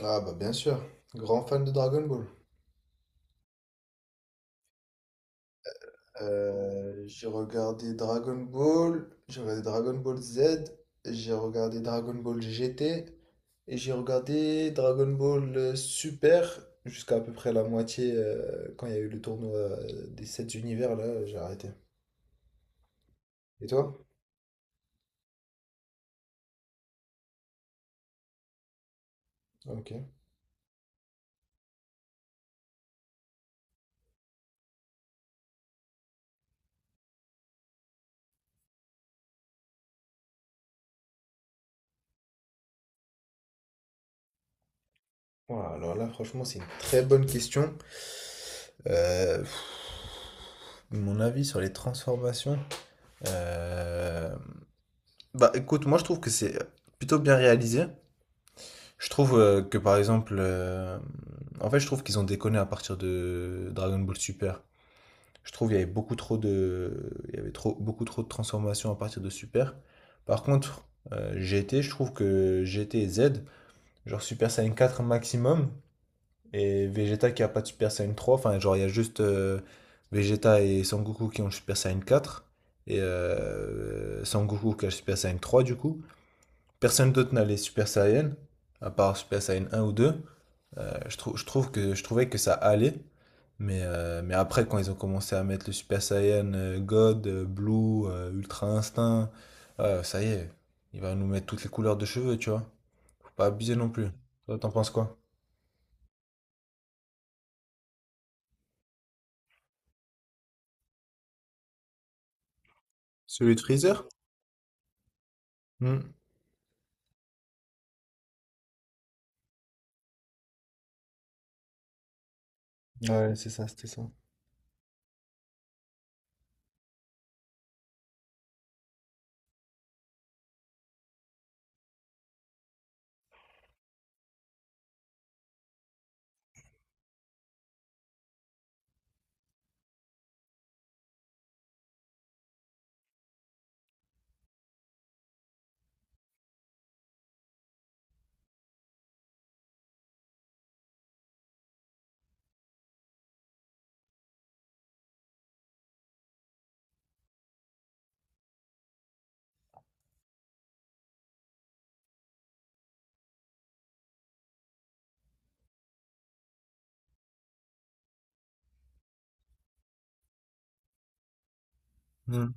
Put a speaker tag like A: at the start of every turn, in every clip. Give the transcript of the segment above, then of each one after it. A: Ah bah bien sûr, grand fan de Dragon Ball. J'ai regardé Dragon Ball, j'ai regardé Dragon Ball Z, j'ai regardé Dragon Ball GT et j'ai regardé Dragon Ball Super jusqu'à à peu près la moitié quand il y a eu le tournoi des 7 univers là, j'ai arrêté. Et toi? Ok. Voilà, alors là, franchement, c'est une très bonne question. Euh, pff, mon avis sur les transformations. euh, Bah écoute, moi je trouve que c'est plutôt bien réalisé. Je trouve que par exemple, en fait, je trouve qu'ils ont déconné à partir de Dragon Ball Super. Je trouve qu'il y avait beaucoup trop de, il y avait trop, beaucoup trop de transformations à partir de Super. Par contre, GT, je trouve que GT et Z, genre Super Saiyan quatre maximum, et Vegeta qui a pas de Super Saiyan trois enfin genre il y a juste Vegeta et Son Goku qui ont le Super Saiyan quatre et Son Goku qui a le Super Saiyan trois du coup. Personne d'autre n'a les Super Saiyan, à part Super Saiyan un ou deux. Je trouve que, je trouvais que ça allait. Mais après, quand ils ont commencé à mettre le Super Saiyan God, Blue, Ultra Instinct, ça y est, il va nous mettre toutes les couleurs de cheveux, tu vois. Faut pas abuser non plus. Toi, t'en penses quoi? Celui de Freezer? Hmm. Ouais, c'est ça, c'était ça. Hmm.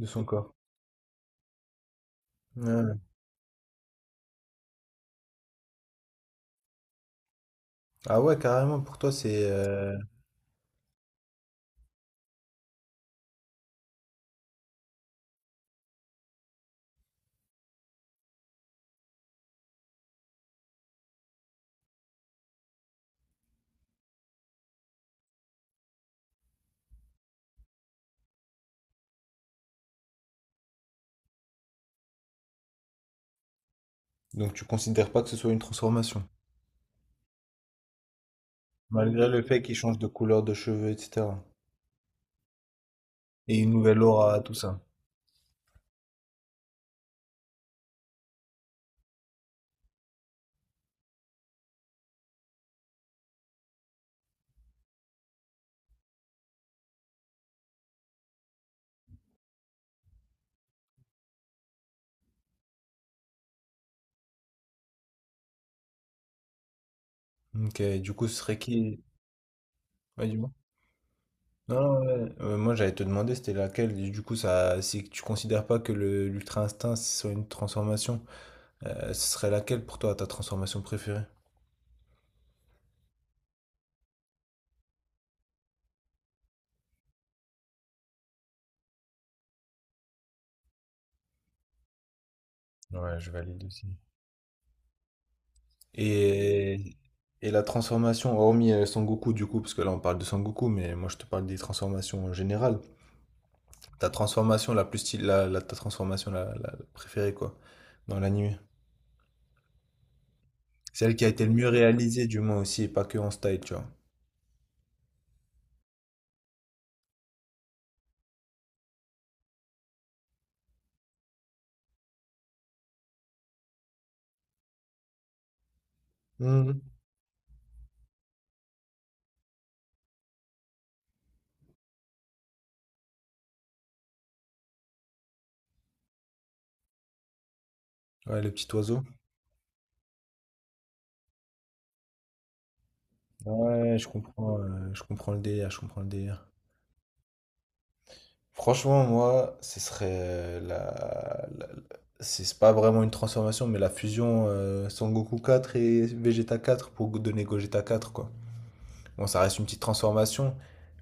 A: De son corps. Ouais. Ah ouais, carrément, pour toi, c'est. Donc tu considères pas que ce soit une transformation, malgré le fait qu'il change de couleur de cheveux, etc. Et une nouvelle aura, tout ça. Ok, du coup, ce serait qui? Ouais, dis-moi. Non, non, ouais. Moi, j'allais te demander, c'était laquelle. Du coup, ça, si tu considères pas que le l'ultra instinct soit une transformation, ce serait laquelle pour toi, ta transformation préférée? Ouais, je valide aussi. Et, et la transformation, hormis Son Goku du coup, parce que là on parle de Son Goku, mais moi je te parle des transformations en général. Ta transformation la plus stylée, ta transformation la préférée quoi, dans l'anime. Celle qui a été le mieux réalisée du moins aussi, et pas que en style, tu vois. Mhm. Ouais, le petit oiseau. Ouais, je comprends le délire, je comprends le délire. Franchement, moi, ce serait c'est pas vraiment une transformation, mais la fusion Son Goku 4 et Vegeta 4 pour donner Gogeta 4, quoi. Bon, ça reste une petite transformation,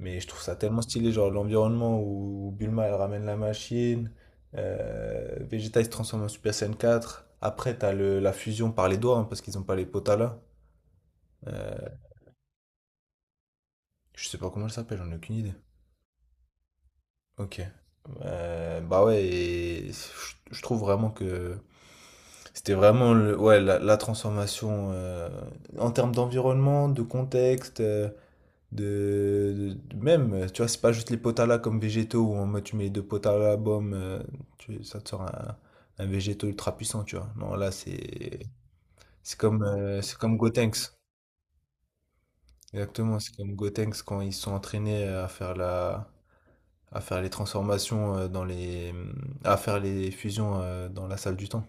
A: mais je trouve ça tellement stylé, genre l'environnement où Bulma, elle ramène la machine, Vegeta, il se transforme en Super Saiyan 4. Après, t'as la fusion par les doigts, hein, parce qu'ils ont pas les potas là. Euh, je sais pas comment elle s'appelle, j'en ai aucune idée. Ok. Bah ouais, et je trouve vraiment que c'était vraiment le, ouais, la transformation en termes d'environnement, de contexte, de même, tu vois, c'est pas juste les potala comme végétaux où en mode tu mets deux potala boum, ça te sort un végétaux ultra puissant, tu vois. Non, là, c'est comme, c'est comme Gotenks. Exactement, c'est comme Gotenks quand ils sont entraînés à faire les transformations, à faire les fusions, dans la salle du temps.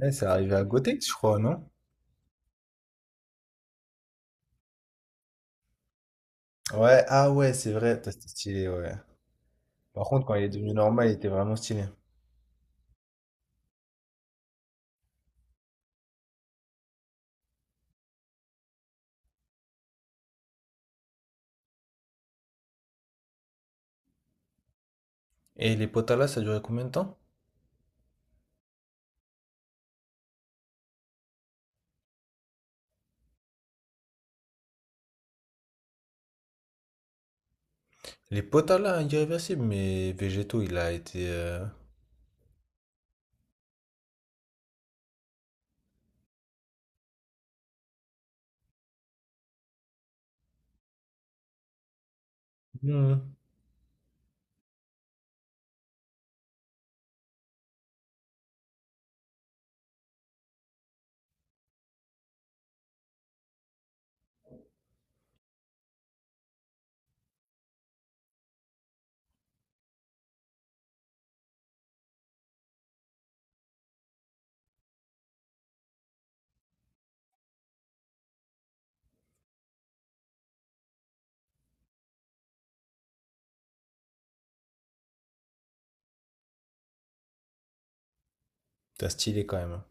A: Ouais, c'est arrivé à Gothx, je crois, non? Ouais, ah ouais, c'est vrai, t'as c'était stylé, ouais. Par contre, quand il est devenu normal, il était vraiment stylé. Et les Potala, ça a duré combien de temps? Les Potala irréversibles, mais Végéto, il a été, mmh, c'était stylé quand même, hein.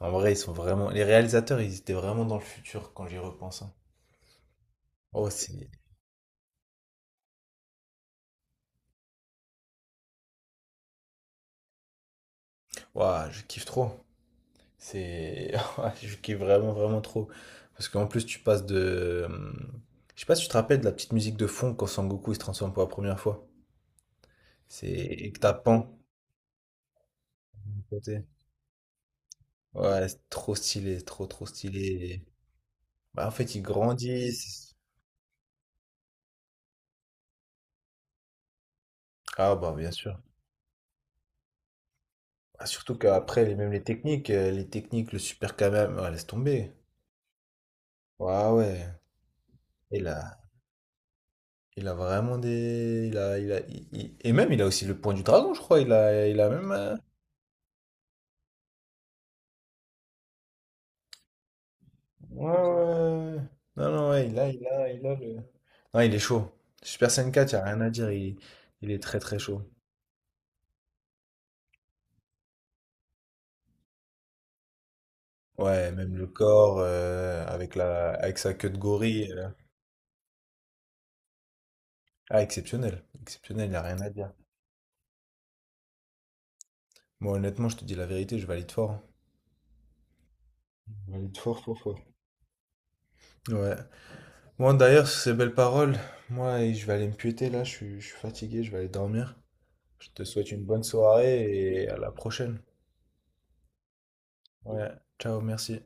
A: En vrai, ils sont vraiment les réalisateurs, ils étaient vraiment dans le futur quand j'y repense, hein. Oh, c'est waouh, je kiffe trop. C'est. Je kiffe vraiment, vraiment trop. Parce qu'en plus, tu passes de. Je sais pas si tu te rappelles de la petite musique de fond quand Sangoku il se transforme pour la première fois. C'est. Et que t'as Pan à côté. Ouais, c'est trop stylé, trop, trop stylé. Bah, en fait, ils grandissent. Ah, bah, bien sûr. Ah, surtout qu'après, même les techniques, le super Kamehameha, ouais, laisse tomber. Ouais, ouais. Il a, il a vraiment des. Il a, il a, il- il- Et même, il a aussi le point du dragon, je crois. Il a même. Ouais, ouais. Ouais. Non, non, ouais, il a le. Non, il est chaud. Super Saiyan 4, il n'y a rien à dire. Il est très, très chaud. Ouais, même le corps, avec avec sa queue de gorille. Ah, exceptionnel. Exceptionnel, il n'y a rien à dire. Moi, honnêtement, je te dis la vérité, je valide fort, hein. Je valide fort, fort, fort. Ouais. Moi, d'ailleurs, sur ces belles paroles, moi, je vais aller me piéter là. Je suis fatigué, je vais aller dormir. Je te souhaite une bonne soirée et à la prochaine. Ouais. Ciao, merci.